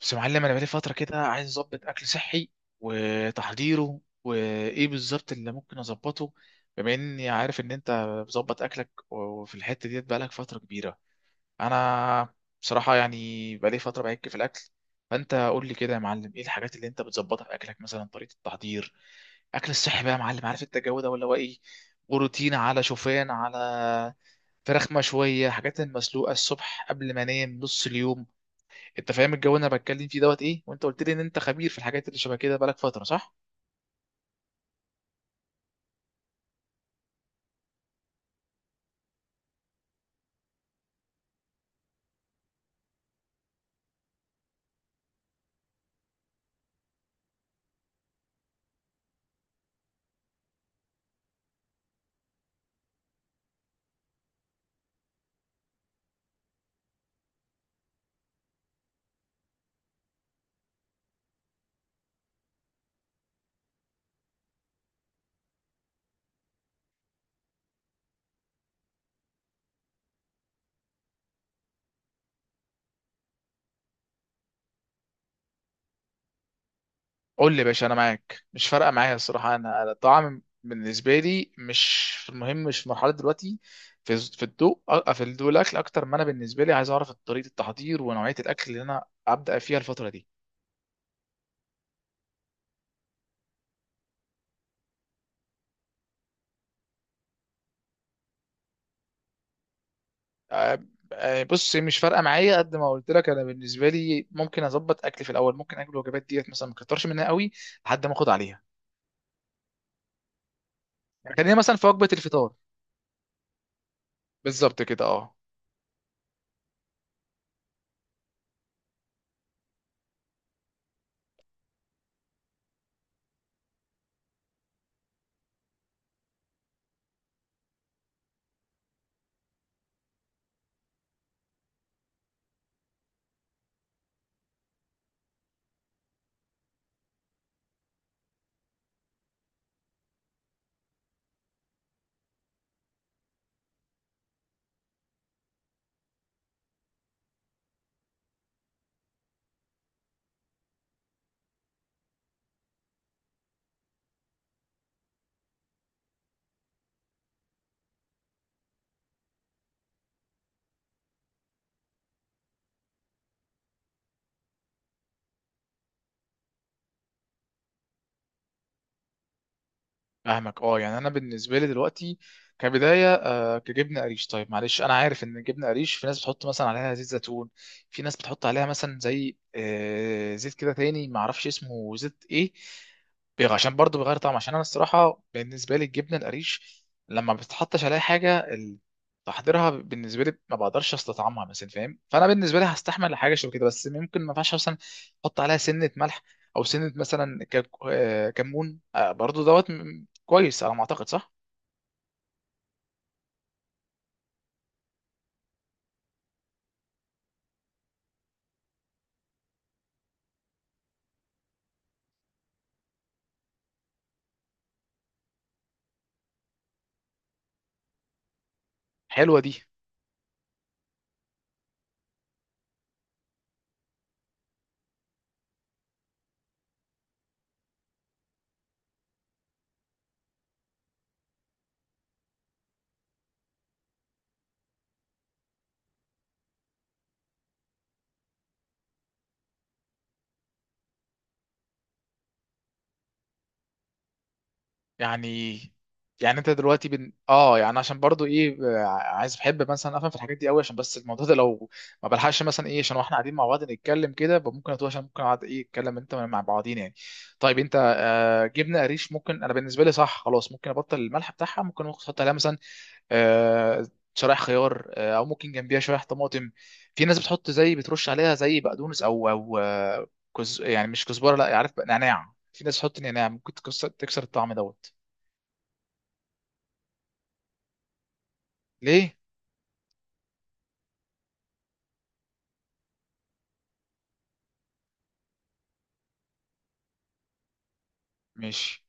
بس يا معلم انا بقالي فتره كده عايز اظبط اكل صحي وتحضيره وايه بالظبط اللي ممكن اظبطه بما اني عارف ان انت بظبط اكلك وفي الحته ديت بقالك فتره كبيره. انا بصراحه يعني بقالي فتره بعك في الاكل، فانت قول لي كده يا معلم ايه الحاجات اللي انت بتظبطها في اكلك، مثلا طريقه التحضير اكل الصحي بقى يا معلم، عارف انت الجو ده ولا هو ايه؟ بروتين على شوفان على فراخ مشويه حاجات المسلوقه الصبح قبل ما انام نص اليوم، انت فاهم الجو اللي انا بتكلم فيه دوت ايه، وانت قلت لي ان انت خبير في الحاجات اللي شبه كده بقالك فتره، صح؟ قول لي يا باشا انا معاك، مش فارقه معايا الصراحه، انا الطعام بالنسبه لي مش في المهم، مش في مرحله دلوقتي. في الضوء الاكل، اكتر ما انا بالنسبه لي عايز اعرف طريقه التحضير ونوعيه الاكل اللي انا ابدا فيها الفتره دي. أ- بص، مش فارقه معايا قد ما قلت لك، انا بالنسبه لي ممكن اظبط اكلي في الاول، ممكن اكل الوجبات ديت مثلا ما كترش منها قوي لحد ما اخد عليها. يعني خلينا مثلا في وجبه الفطار. بالظبط كده، اه. فاهمك، اه. يعني انا بالنسبه لي دلوقتي كبدايه كجبنه قريش. طيب معلش، انا عارف ان الجبنه قريش في ناس بتحط مثلا عليها زيت زيتون، في ناس بتحط عليها مثلا زي زيت كده تاني ما اعرفش اسمه زيت ايه، عشان برضه بيغير طعم، عشان انا الصراحه بالنسبه لي الجبنه القريش لما ما بتحطش عليها حاجه تحضيرها بالنسبه لي ما بقدرش استطعمها مثلا، فاهم؟ فانا بالنسبه لي هستحمل حاجه شبه كده، بس ممكن ما ينفعش مثلا احط عليها سنه ملح، او سنه مثلا كمون برضو دوت كويس على ما اعتقد، صح؟ حلوه دي. يعني يعني انت دلوقتي بن... اه يعني عشان برضو ايه، عايز بحب مثلا افهم في الحاجات دي قوي، عشان بس الموضوع ده لو ما بلحقش مثلا ايه، عشان واحنا قاعدين مع بعض نتكلم كده يبقى ممكن اتوه، عشان ممكن اقعد ايه اتكلم انت مع بعضين يعني. طيب انت جبنه قريش ممكن انا بالنسبه لي، صح خلاص، ممكن ابطل الملح بتاعها، ممكن احط عليها مثلا آه، شرايح خيار او ممكن جنبيها شرايح طماطم، في ناس بتحط زي بترش عليها زي بقدونس او كز يعني مش كزبره، لا عارف بقى، نعناع، في ناس بتحط نعناع ممكن تكسر الطعم دوت. ليه؟ ماشي.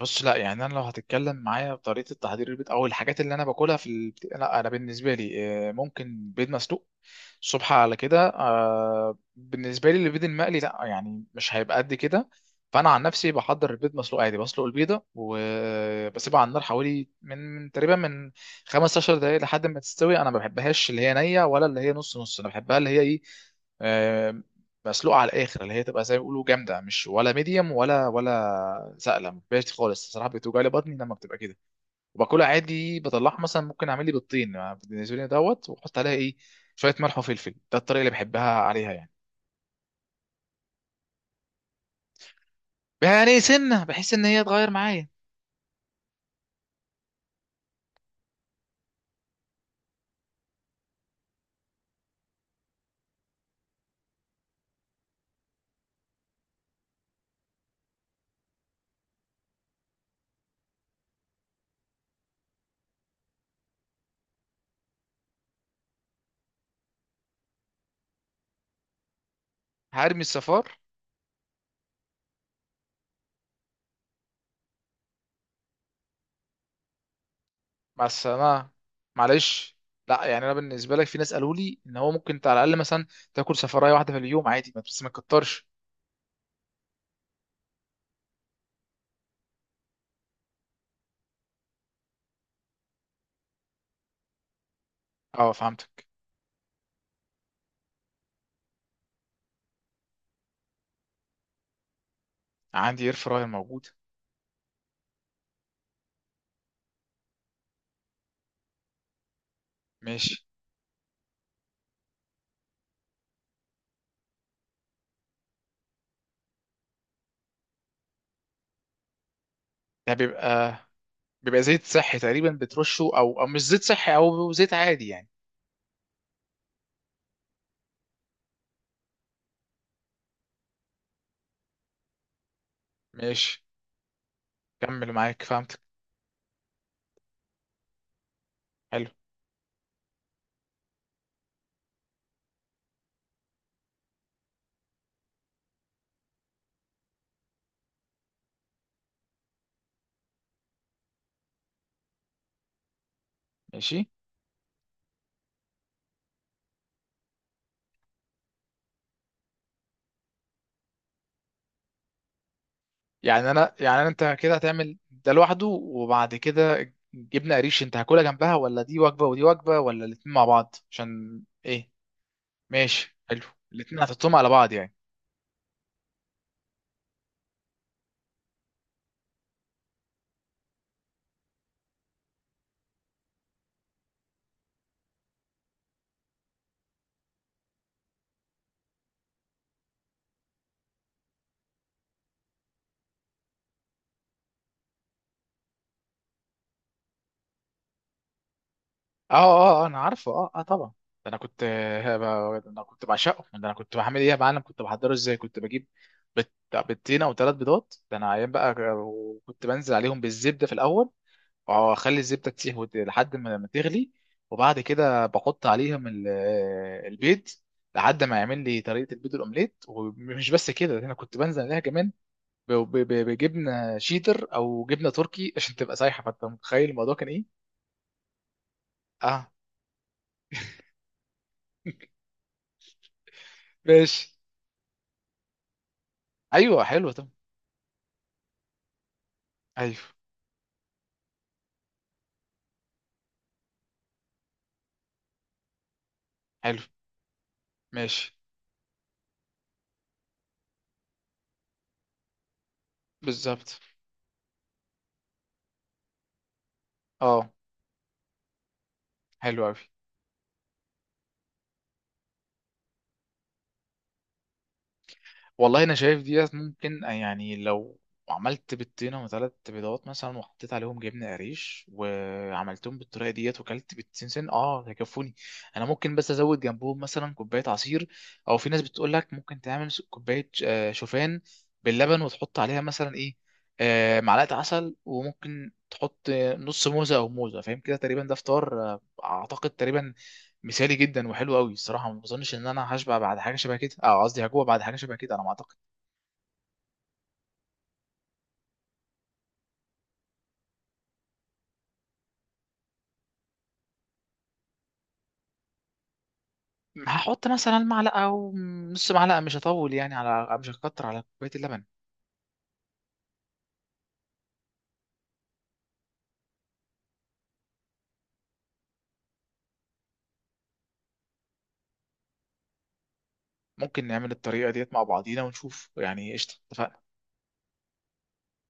بص، لا يعني انا لو هتتكلم معايا بطريقه تحضير البيض او الحاجات اللي انا باكلها في لا انا بالنسبه لي ممكن بيض مسلوق الصبح على كده. بالنسبه لي البيض المقلي لا، يعني مش هيبقى قد كده، فانا عن نفسي بحضر البيض مسلوق عادي، بسلق البيضه وبسيبها على النار حوالي من تقريبا 15 دقائق لحد ما تستوي. انا ما بحبهاش اللي هي نيه ولا اللي هي نص نص، انا بحبها اللي هي ايه، آه، مسلوقه على الاخر، اللي هي تبقى زي ما بيقولوا جامده، مش ولا ميديوم ولا سائله، ما بحبهاش خالص الصراحه، بتوجع لي بطني لما بتبقى كده. وباكلها عادي بطلعها، مثلا ممكن اعمل لي بيضتين يعني بالنسبه لي دوت، واحط عليها ايه شويه ملح وفلفل، ده الطريقه اللي بحبها عليها يعني. يعني سنه بحس ان هي تغير معايا. هرمي الصفار. مع السلامه. معلش. لا يعني انا بالنسبه لك في ناس قالوا لي ان هو ممكن انت على الاقل مثلا تاكل صفرايه واحده في اليوم عادي، ما بس ما تكترش. اه، فهمتك. عندي اير فراير موجود. ماشي. ده بيبقى زيت صحي تقريبا بترشه، او او مش زيت صحي او زيت عادي يعني؟ ماشي، كمل معاك، فهمتك. حلو. ماشي. يعني انا يعني أنا انت كده هتعمل ده لوحده وبعد كده جبنه قريش انت هاكلها جنبها، ولا دي وجبه ودي وجبه، ولا الاتنين مع بعض عشان ايه؟ ماشي حلو. الاتنين هتحطهم على بعض يعني. انا عارفه، اه اه طبعا. ده انا كنت انا كنت بعشقه، ده انا كنت بعمل ايه يا معلم، كنت بحضره ازاي، كنت بجيب بت- بيضتين او ثلاث بيضات. ده انا ايام بقى، وكنت بنزل عليهم بالزبده في الاول، واخلي الزبده تسيح لحد ما تغلي، وبعد كده بحط عليهم البيض لحد ما يعمل لي طريقه البيض الاومليت، ومش بس كده، ده انا كنت بنزل عليها كمان بجبنه شيدر او جبنه تركي عشان تبقى سايحه، فانت متخيل الموضوع كان ايه؟ اه. ماشي. ايوه حلو ده. ايوه. حلو. ماشي. بالظبط. اه. حلو قوي. والله انا شايف ديت ممكن، يعني لو عملت بيضتين وثلاث بيضات مثلا وحطيت عليهم جبنه قريش وعملتهم بالطريقه ديت وكلت بيضتين سن، اه هيكفوني. انا ممكن بس ازود جنبهم مثلا كوبايه عصير، او في ناس بتقول لك ممكن تعمل كوبايه شوفان باللبن وتحط عليها مثلا ايه معلقه عسل، وممكن تحط نص موزه او موزه، فاهم كده تقريبا؟ ده فطار اعتقد تقريبا مثالي جدا وحلو قوي الصراحه. ما بظنش ان انا هشبع بعد حاجه شبه كده، اه قصدي هجوع بعد حاجه شبه كده انا ما اعتقد. هحط مثلا معلقه او نص معلقه، مش هطول يعني على، مش هكتر على كوبايه اللبن. ممكن نعمل الطريقه ديت مع بعضينا ونشوف يعني، قشطه اتفقنا.